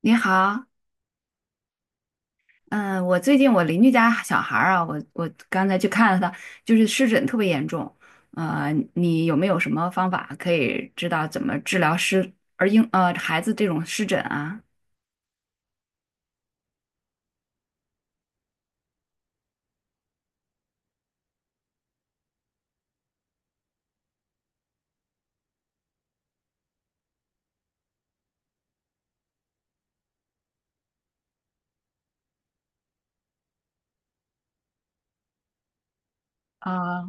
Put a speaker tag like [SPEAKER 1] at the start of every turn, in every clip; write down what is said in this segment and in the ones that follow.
[SPEAKER 1] 你好，嗯，我最近我邻居家小孩儿啊，我刚才去看了他，就是湿疹特别严重，你有没有什么方法可以知道怎么治疗湿而婴呃孩子这种湿疹啊？啊，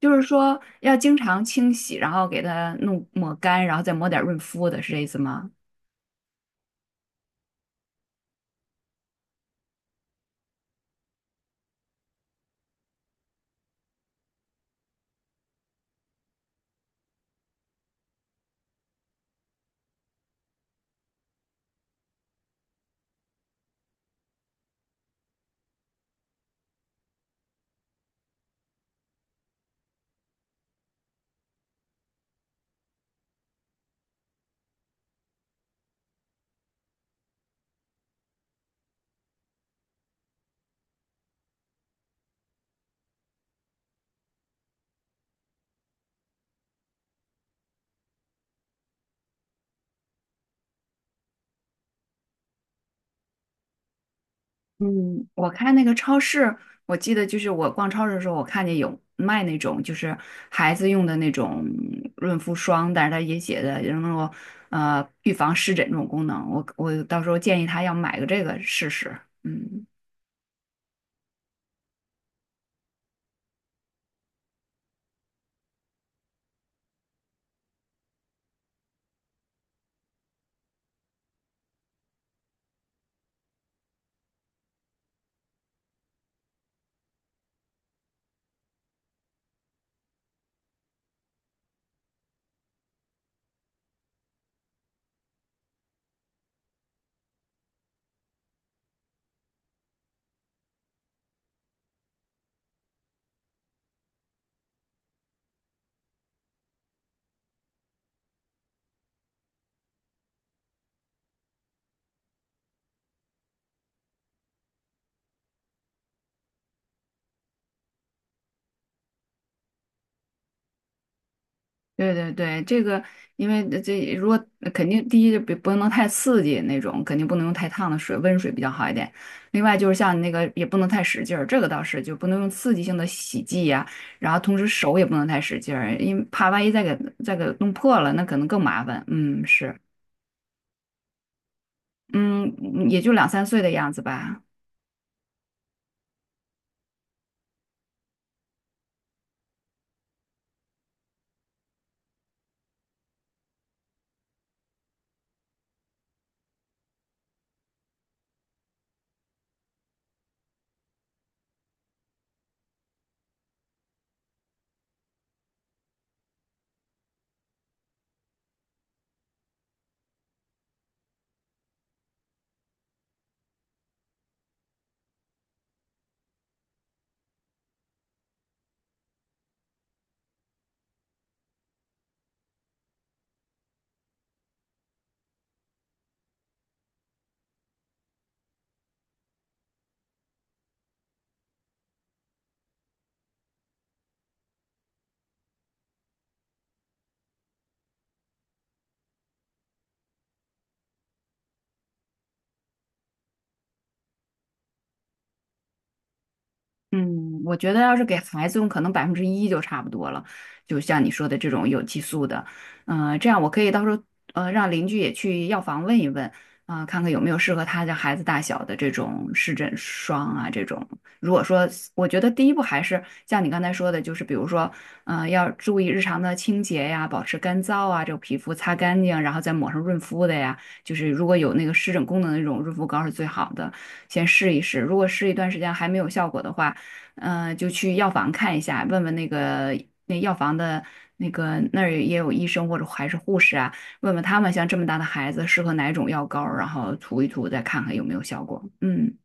[SPEAKER 1] 就是说要经常清洗，然后给他弄抹干，然后再抹点润肤的，是这意思吗？嗯，我看那个超市，我记得就是我逛超市的时候，我看见有卖那种就是孩子用的那种润肤霜，但是它也写的能够预防湿疹这种功能。我到时候建议他要买个这个试试。嗯。对对对，这个因为这如果肯定第一就别不能太刺激那种，肯定不能用太烫的水，温水比较好一点。另外就是像那个也不能太使劲儿，这个倒是就不能用刺激性的洗剂呀，然后同时手也不能太使劲儿，因为怕万一再给弄破了，那可能更麻烦。嗯，是。嗯也就两三岁的样子吧。嗯，我觉得要是给孩子用，可能1%就差不多了。就像你说的这种有激素的，这样我可以到时候让邻居也去药房问一问啊，看看有没有适合他的孩子大小的这种湿疹霜啊这种。如果说我觉得第一步还是像你刚才说的，就是比如说要注意日常的清洁呀，保持干燥啊，这个皮肤擦干净，然后再抹上润肤的呀。就是如果有那个湿疹功能的那种润肤膏是最好的，先试一试。如果试一段时间还没有效果的话，就去药房看一下，问问那个那药房的那个那儿也有医生或者还是护士啊，问问他们像这么大的孩子适合哪种药膏儿然后涂一涂，再看看有没有效果。嗯。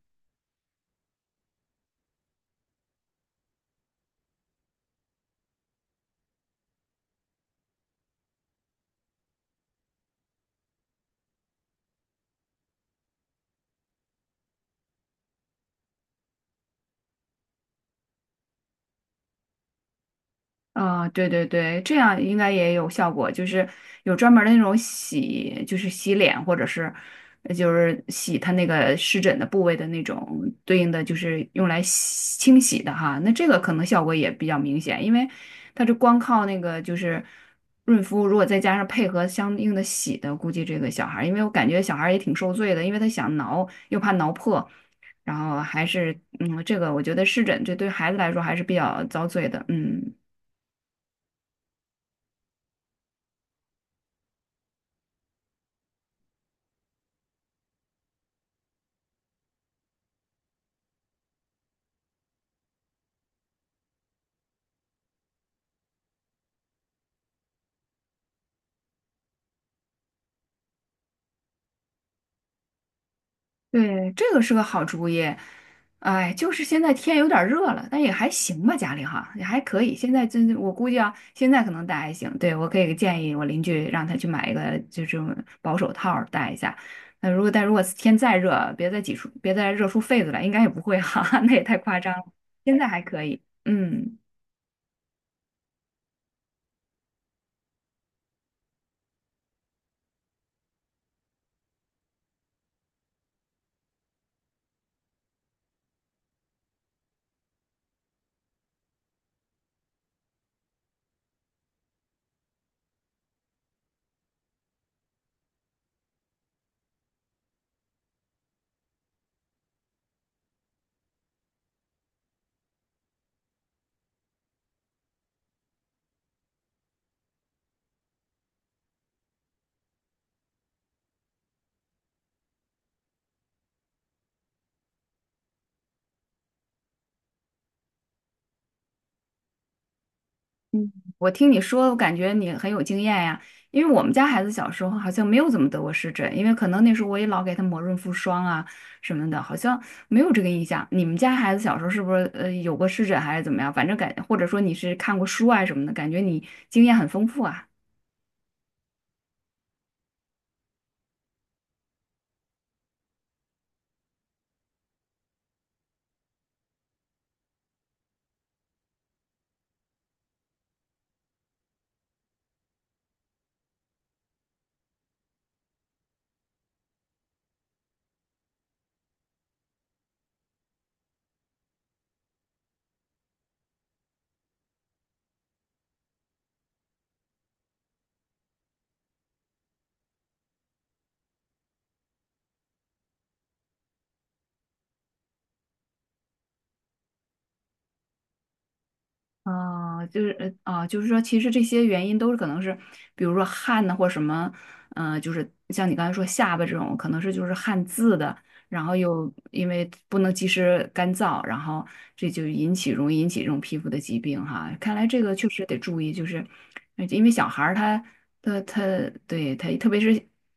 [SPEAKER 1] 啊，对对对，这样应该也有效果，就是有专门儿的那种洗，就是洗脸或者是就是洗它那个湿疹的部位的那种对应的，就是用来洗清洗的哈。那这个可能效果也比较明显，因为它是光靠那个就是润肤，如果再加上配合相应的洗的，估计这个小孩儿因为我感觉小孩儿也挺受罪的，因为他想挠又怕挠破，然后还是这个我觉得湿疹这对孩子来说还是比较遭罪的，嗯。对，这个是个好主意。哎，就是现在天有点儿热了，但也还行吧，家里哈也还可以。现在真，我估计啊，现在可能戴还行。对，我可以建议我邻居让他去买一个，就这种薄手套儿戴一下。那如果但如果天再热，别再热出痱子来，应该也不会哈，那也太夸张了。现在还可以，嗯。嗯，我听你说，我感觉你很有经验呀。因为我们家孩子小时候好像没有怎么得过湿疹，因为可能那时候我也老给他抹润肤霜啊什么的，好像没有这个印象。你们家孩子小时候是不是有过湿疹还是怎么样？反正或者说你是看过书啊什么的，感觉你经验很丰富啊。啊，就是说，其实这些原因都是可能是，比如说汗呐，或什么，就是像你刚才说下巴这种，可能是就是汗渍的，然后又因为不能及时干燥，然后这就容易引起这种皮肤的疾病哈。看来这个确实得注意，就是因为小孩儿他对他，特别是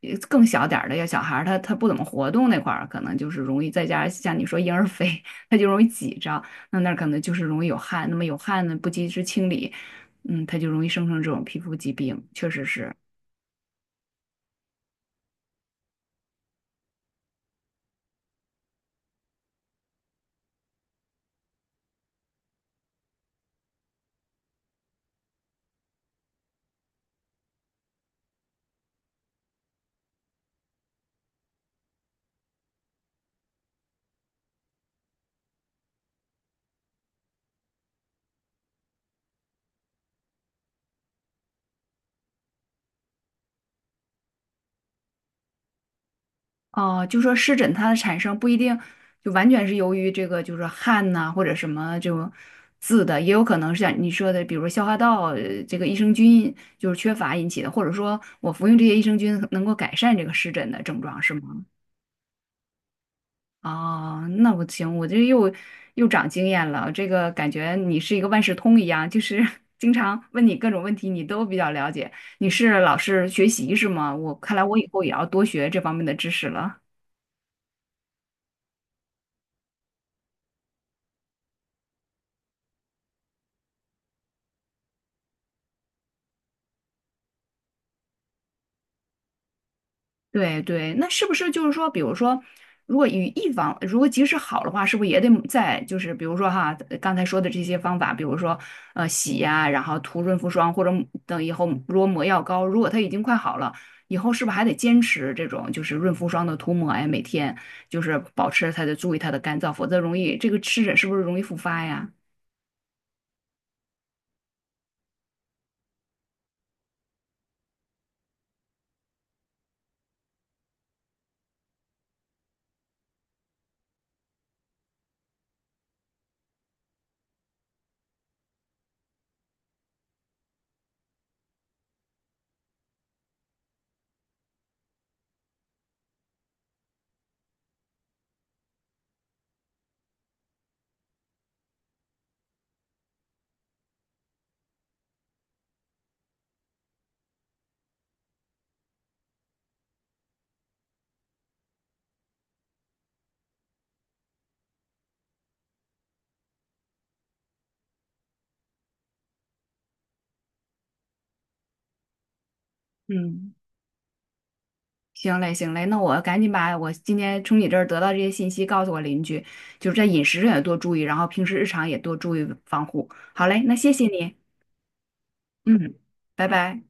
[SPEAKER 1] 更小点儿的，要小孩儿他不怎么活动那块儿，可能就是容易再加上像你说婴儿肥，他就容易挤着。那儿可能就是容易有汗，那么有汗呢，不及时清理，它就容易生成这种皮肤疾病，确实是。哦，就说湿疹它的产生不一定就完全是由于这个，就是汗呐，或者什么这种渍的，也有可能是像你说的，比如消化道这个益生菌就是缺乏引起的，或者说我服用这些益生菌能够改善这个湿疹的症状，是吗？哦，那不行，我这又长经验了。这个感觉你是一个万事通一样，就是 经常问你各种问题，你都比较了解。你是老是学习是吗？我看来我以后也要多学这方面的知识了。对对，那是不是就是说，比如说，如果与一方如果即使好的话，是不是也得在就是比如说哈，刚才说的这些方法，比如说洗呀，然后涂润肤霜，或者等以后如果抹药膏，如果它已经快好了，以后是不是还得坚持这种就是润肤霜的涂抹呀？每天就是保持它的注意它的干燥，否则容易这个湿疹是不是容易复发呀？嗯。行嘞，行嘞，那我赶紧把我今天从你这儿得到这些信息告诉我邻居，就是在饮食上也多注意，然后平时日常也多注意防护。好嘞，那谢谢你，嗯，拜拜。